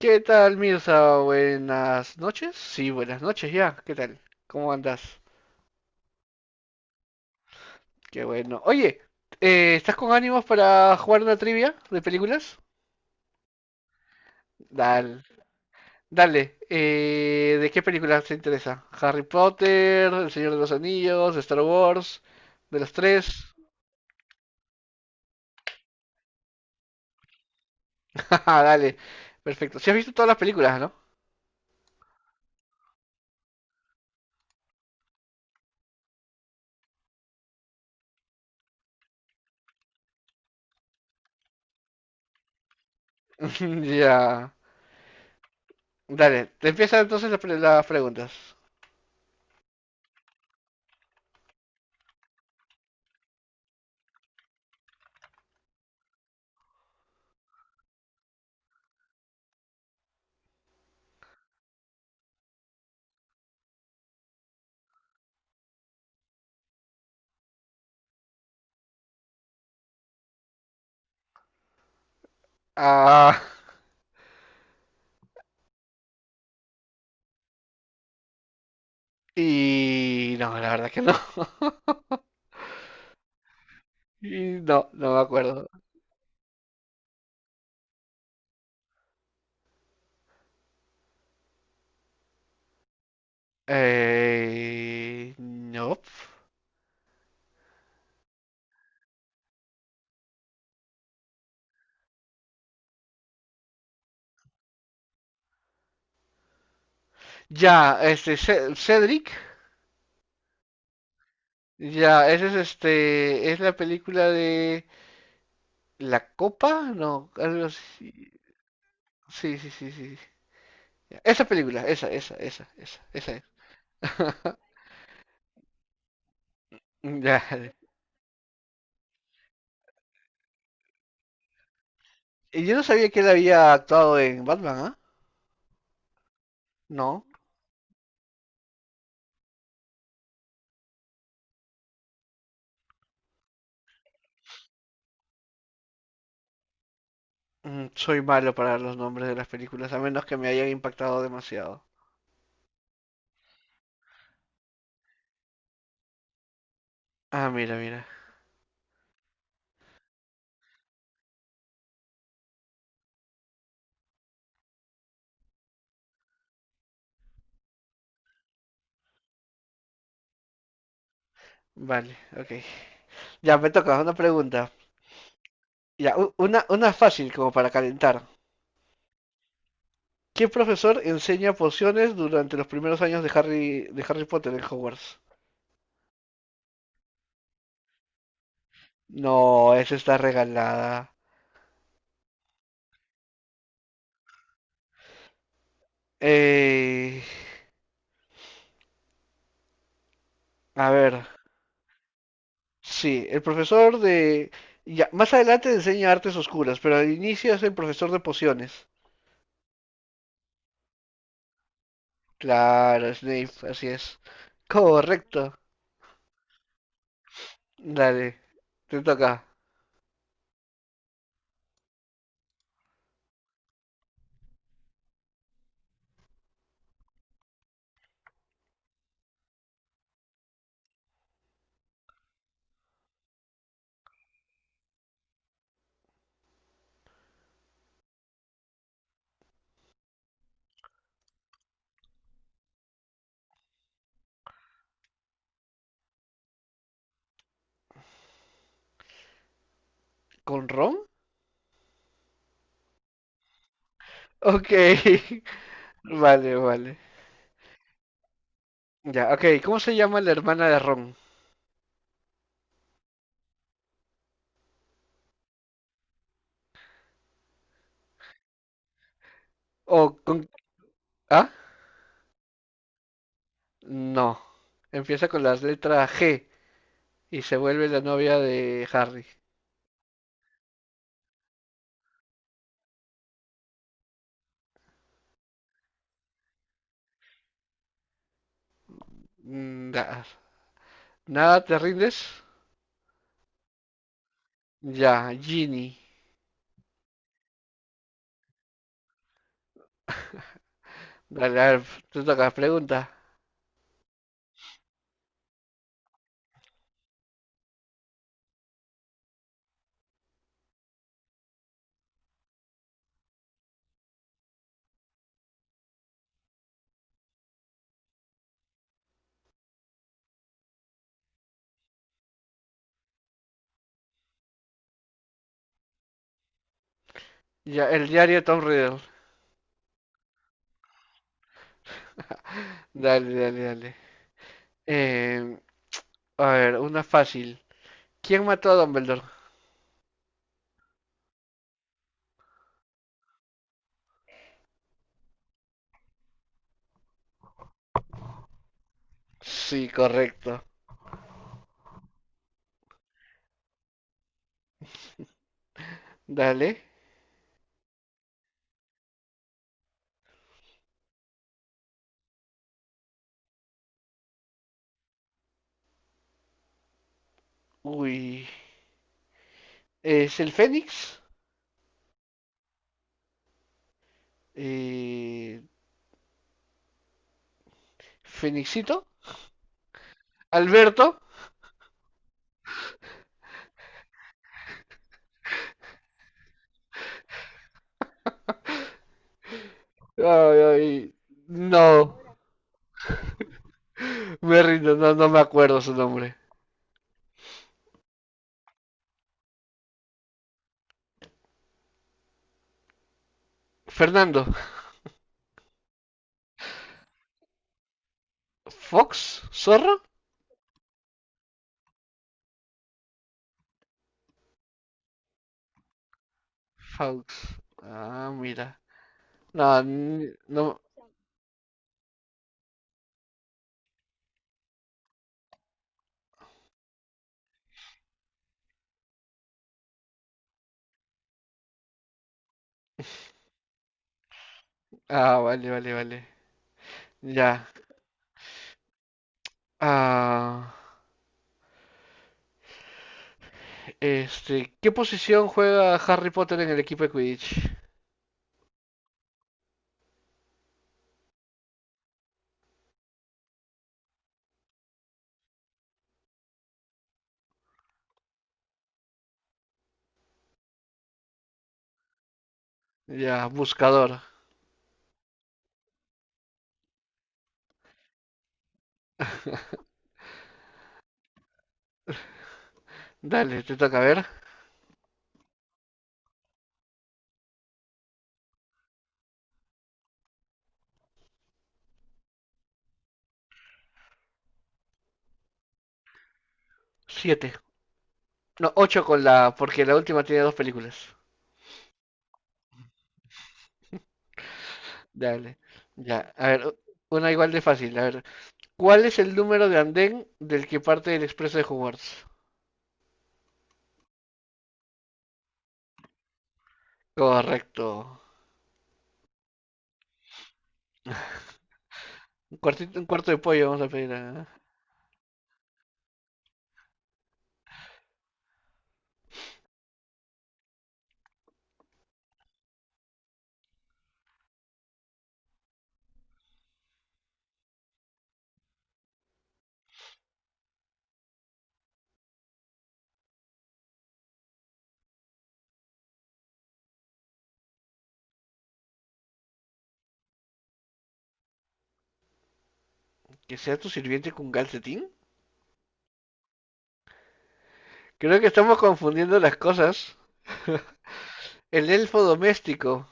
¿Qué tal, Mirza? Buenas noches. Sí, buenas noches ya. ¿Qué tal? ¿Cómo andas? Qué bueno. Oye, ¿estás con ánimos para jugar una trivia de películas? Dale. Dale. ¿De qué películas te interesa? ¿Harry Potter, El Señor de los Anillos, Star Wars? ¿De las tres? Dale. Perfecto. Si has visto todas las películas, ¿no? Ya. Dale. Te empiezan entonces las preguntas. Ah. Y no, la verdad que no. Y no, no me acuerdo. No. Ya, este, Cedric. Ya, ese es este, es la película de La Copa, no, algo así. Sí, sí, sí, sí. Sí. Ya, esa película, esa es. Ya. Y yo no sabía que él había actuado en Batman, ¿ah? No. Soy malo para los nombres de las películas, a menos que me hayan impactado demasiado. Ah, mira, mira. Vale, ok. Ya me toca una pregunta. Ya, una fácil como para calentar. ¿Qué profesor enseña pociones durante los primeros años de Harry Potter en Hogwarts? No, esa está regalada. Eh, a ver, sí, el profesor de... Ya, más adelante enseña artes oscuras, pero al inicio es el profesor de pociones. Claro, Snape, así es. Correcto. Dale, te toca. ¿Con Ron? Ok, vale, vale. Ya, ok, ¿cómo se llama la hermana de Ron? O con... ¿Ah? No. Empieza con la letra G y se vuelve la novia de Harry. Mm, da- ¿Nada te rindes? Ya, Ginny. Dale, a ver, te toca, pregunta. Ya, el diario de Tom Riddle. Dale, dale, dale. Em, a ver, una fácil. ¿Quién mató a Dumbledore? Sí, correcto. Dale. Uy. ¿Es el Fénix? Eh, ¿Fénixito? ¿Alberto? Ay, ay, no. Me rindo, no, no me acuerdo su nombre. Fernando. ¿Fox? ¿Zorro? Fox. Ah, mira. No, no. Ah, vale, vale, vale. Ya. Ah, este, ¿qué posición juega Harry Potter en el equipo de Quidditch? Ya, buscador. Dale, te toca ver. Siete. No, ocho con la, porque la última tiene dos películas. Dale. Ya, a ver, una igual de fácil. A ver, ¿cuál es el número de andén del que parte el expreso de Hogwarts? Correcto. Un cuartito, un cuarto de pollo vamos a pedir a... Que sea tu sirviente con calcetín. Creo que estamos confundiendo las cosas. El elfo doméstico.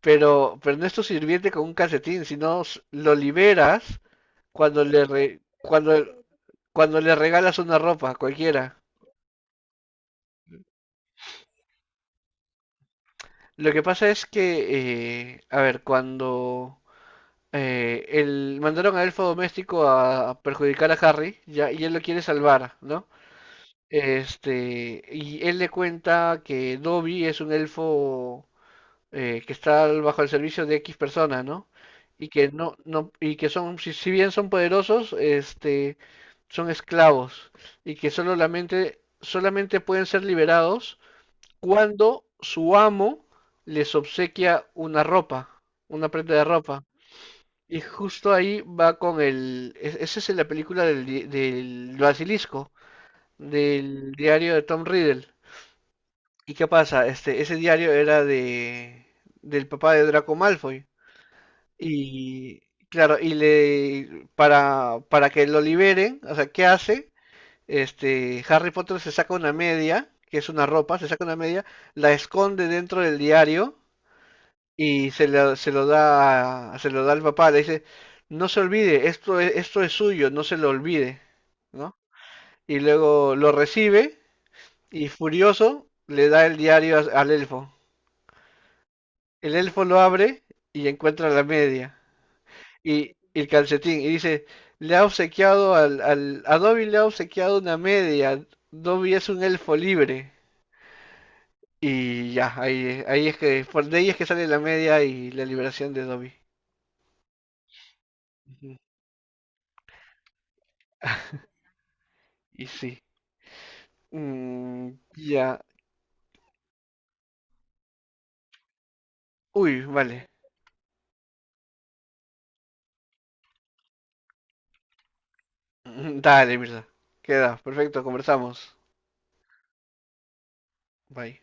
Pero no es tu sirviente con un calcetín, sino lo liberas cuando cuando le regalas una ropa, cualquiera. Lo que pasa es que, a ver, cuando mandaron al elfo doméstico a perjudicar a Harry, ya, y él lo quiere salvar, ¿no? Este, y él le cuenta que Dobby es un elfo que está bajo el servicio de X personas, ¿no? Y que no, no, y que son, si bien son poderosos, este, son esclavos y que solamente, solamente pueden ser liberados cuando su amo les obsequia una ropa, una prenda de ropa. Y justo ahí va con esa es la película del basilisco, del diario de Tom Riddle. ¿Y qué pasa? Este, ese diario era de del papá de Draco Malfoy. Y claro, y le para que lo liberen, o sea, ¿qué hace? Este, Harry Potter se saca una media, que es una ropa, se saca una media, la esconde dentro del diario y se lo da al papá, le dice, "No se olvide, esto es suyo, no se lo olvide", ¿no? Y luego lo recibe y furioso le da el diario al elfo. El elfo lo abre y encuentra la media y el calcetín y dice, le ha obsequiado a Dobby le ha obsequiado una media. Dobby es un elfo libre. Y ya, ahí es que, por de ahí es que sale la media y la liberación de Dobby. Ujú. Y sí. Mm, ya. Uy, vale. Dale, Mirza. Queda, perfecto, conversamos. Bye.